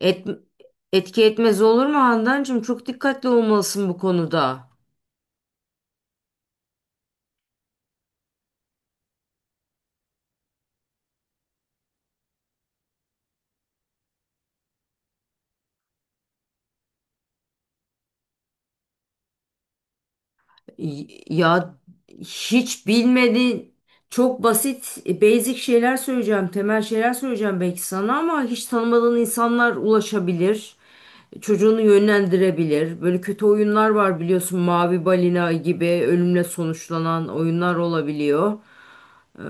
Et, Etki etmez olur mu Handancığım? Çok dikkatli olmalısın bu konuda. Ya hiç bilmediğin çok basit basic şeyler söyleyeceğim, temel şeyler söyleyeceğim belki sana ama hiç tanımadığın insanlar ulaşabilir. Çocuğunu yönlendirebilir. Böyle kötü oyunlar var biliyorsun, Mavi Balina gibi ölümle sonuçlanan oyunlar olabiliyor. Ee,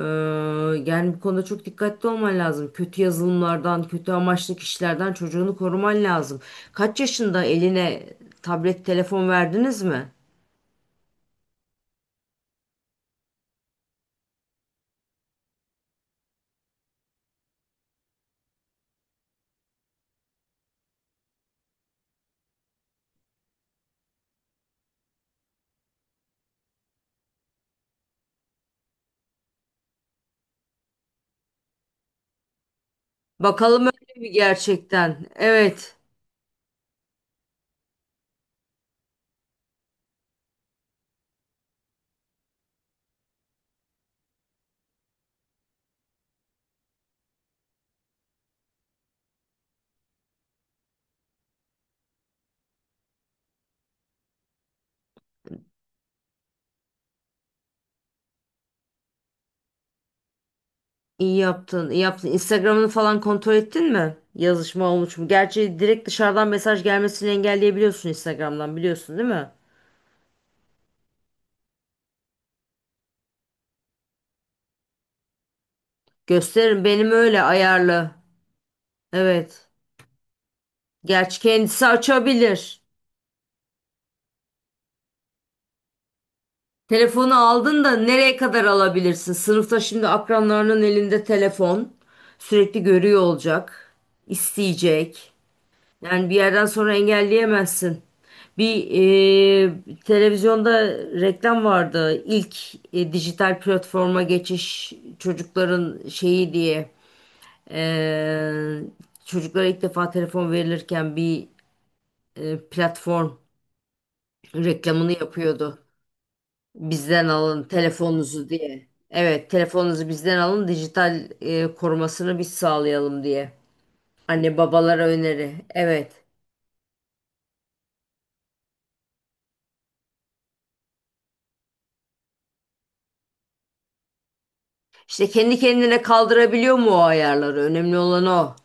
Yani bu konuda çok dikkatli olman lazım. Kötü yazılımlardan, kötü amaçlı kişilerden çocuğunu koruman lazım. Kaç yaşında eline tablet, telefon verdiniz mi? Bakalım öyle mi gerçekten? Evet. İyi yaptın, iyi yaptın. Instagram'ını falan kontrol ettin mi? Yazışma olmuş mu? Gerçi direkt dışarıdan mesaj gelmesini engelleyebiliyorsun Instagram'dan, biliyorsun değil mi? Gösteririm, benim öyle ayarlı. Evet. Gerçi kendisi açabilir. Telefonu aldın da nereye kadar alabilirsin? Sınıfta şimdi akranlarının elinde telefon. Sürekli görüyor olacak, isteyecek. Yani bir yerden sonra engelleyemezsin. Bir televizyonda reklam vardı. İlk dijital platforma geçiş çocukların şeyi diye. E, Çocuklara ilk defa telefon verilirken bir platform reklamını yapıyordu. Bizden alın telefonunuzu diye. Evet, telefonunuzu bizden alın, dijital korumasını biz sağlayalım diye. Anne babalara öneri. Evet. İşte kendi kendine kaldırabiliyor mu o ayarları? Önemli olan o.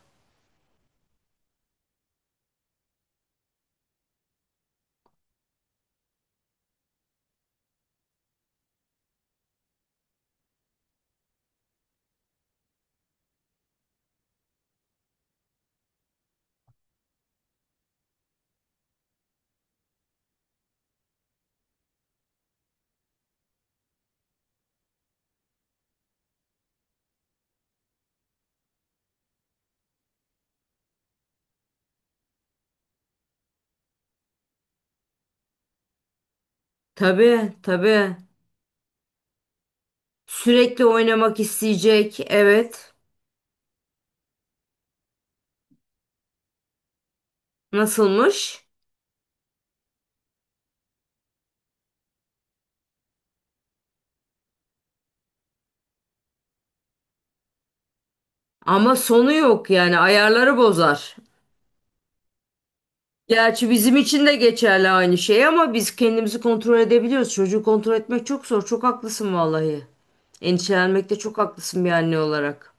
Tabii, tabii. Sürekli oynamak isteyecek. Evet. Nasılmış? Ama sonu yok, yani ayarları bozar. Gerçi bizim için de geçerli aynı şey, ama biz kendimizi kontrol edebiliyoruz. Çocuğu kontrol etmek çok zor. Çok haklısın vallahi. Endişelenmekte çok haklısın bir anne olarak.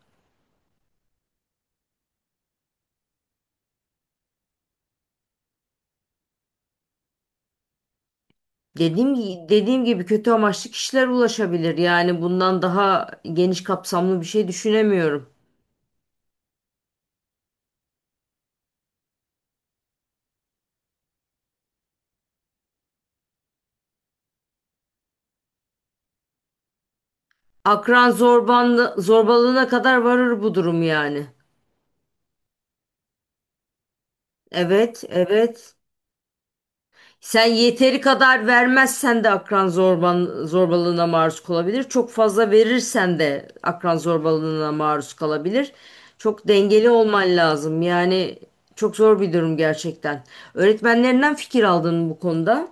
Dediğim gibi kötü amaçlı kişiler ulaşabilir. Yani bundan daha geniş kapsamlı bir şey düşünemiyorum. Akran zorbalığına kadar varır bu durum yani. Evet, evet. Sen yeteri kadar vermezsen de akran zorbalığına maruz kalabilir. Çok fazla verirsen de akran zorbalığına maruz kalabilir. Çok dengeli olman lazım. Yani çok zor bir durum gerçekten. Öğretmenlerinden fikir aldın mı bu konuda?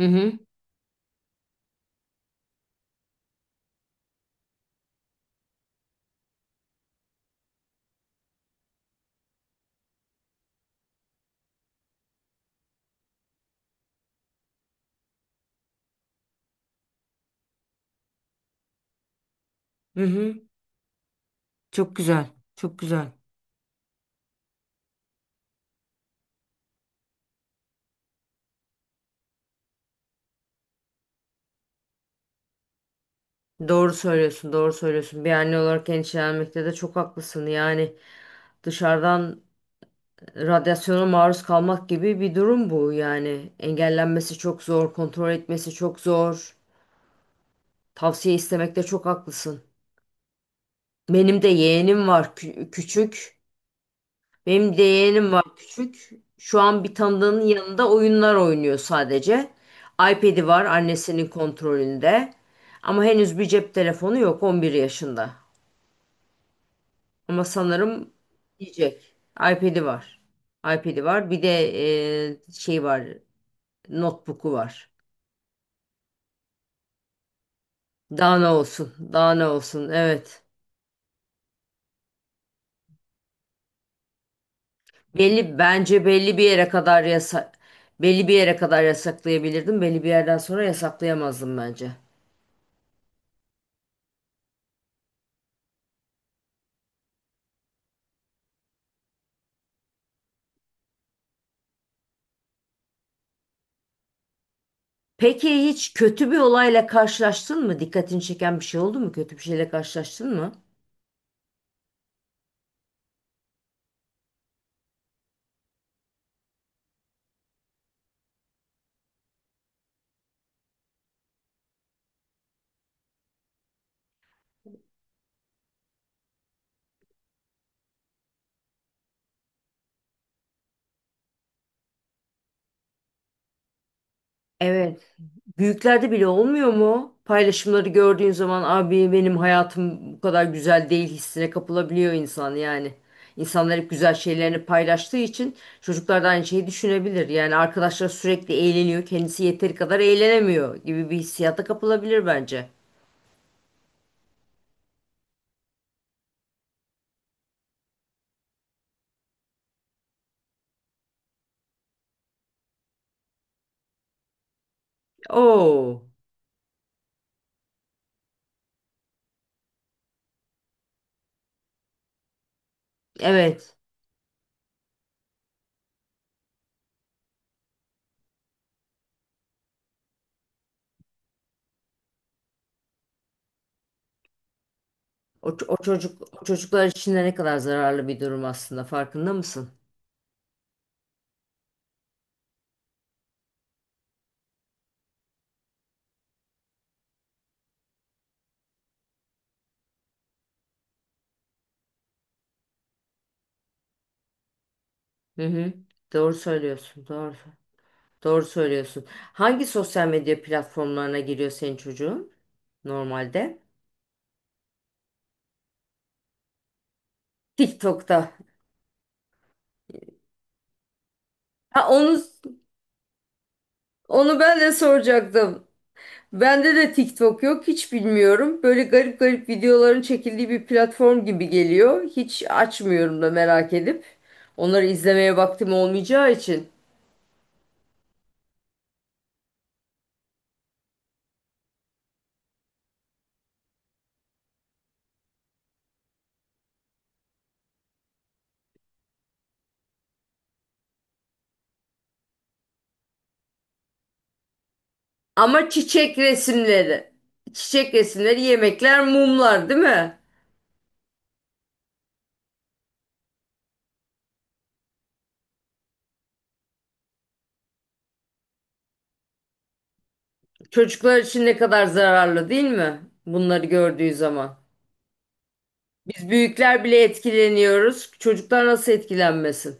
Hı hı. Hı hı. Çok güzel. Çok güzel. Doğru söylüyorsun, doğru söylüyorsun. Bir anne olarak endişelenmekte de çok haklısın. Yani dışarıdan radyasyona maruz kalmak gibi bir durum bu yani. Engellenmesi çok zor, kontrol etmesi çok zor. Tavsiye istemekte çok haklısın. Benim de yeğenim var, küçük. Benim de yeğenim var, küçük. Şu an bir tanıdığının yanında oyunlar oynuyor sadece. iPad'i var annesinin kontrolünde. Ama henüz bir cep telefonu yok, on bir yaşında. Ama sanırım diyecek. iPad'i var. iPad'i var. Bir de şey var. Notebook'u var. Daha ne olsun? Daha ne olsun? Evet. Belli bir yere kadar belli bir yere kadar yasaklayabilirdim. Belli bir yerden sonra yasaklayamazdım bence. Peki hiç kötü bir olayla karşılaştın mı? Dikkatini çeken bir şey oldu mu? Kötü bir şeyle karşılaştın mı? Evet. Büyüklerde bile olmuyor mu? Paylaşımları gördüğün zaman, abi benim hayatım bu kadar güzel değil hissine kapılabiliyor insan yani. İnsanlar hep güzel şeylerini paylaştığı için çocuklar da aynı şeyi düşünebilir. Yani arkadaşlar sürekli eğleniyor, kendisi yeteri kadar eğlenemiyor gibi bir hissiyata kapılabilir bence. Oo, evet. O çocuklar için de ne kadar zararlı bir durum aslında, farkında mısın? Hı hı. Doğru söylüyorsun. Doğru. Doğru söylüyorsun. Hangi sosyal medya platformlarına giriyor senin çocuğun normalde? TikTok'ta. Ha, onu ben de soracaktım. Bende de TikTok yok, hiç bilmiyorum. Böyle garip garip videoların çekildiği bir platform gibi geliyor. Hiç açmıyorum da merak edip. Onları izlemeye vaktim olmayacağı için. Ama çiçek resimleri. Çiçek resimleri, yemekler, mumlar, değil mi? Çocuklar için ne kadar zararlı, değil mi? Bunları gördüğü zaman. Biz büyükler bile etkileniyoruz. Çocuklar nasıl etkilenmesin?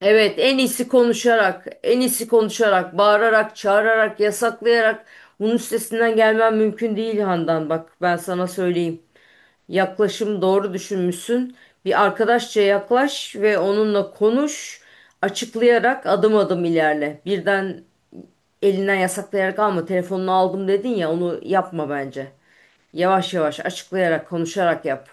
Evet, en iyisi konuşarak, en iyisi konuşarak, bağırarak, çağırarak, yasaklayarak bunun üstesinden gelmem mümkün değil Handan. Bak ben sana söyleyeyim. Yaklaşım doğru, düşünmüşsün. Bir arkadaşça yaklaş ve onunla konuş. Açıklayarak adım adım ilerle. Birden elinden yasaklayarak alma. Telefonunu aldım dedin ya, onu yapma bence. Yavaş yavaş açıklayarak, konuşarak yap.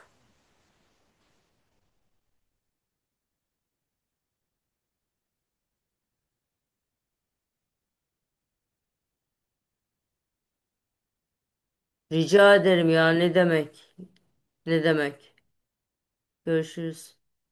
Rica ederim, ya ne demek? Ne demek? Görüşürüz.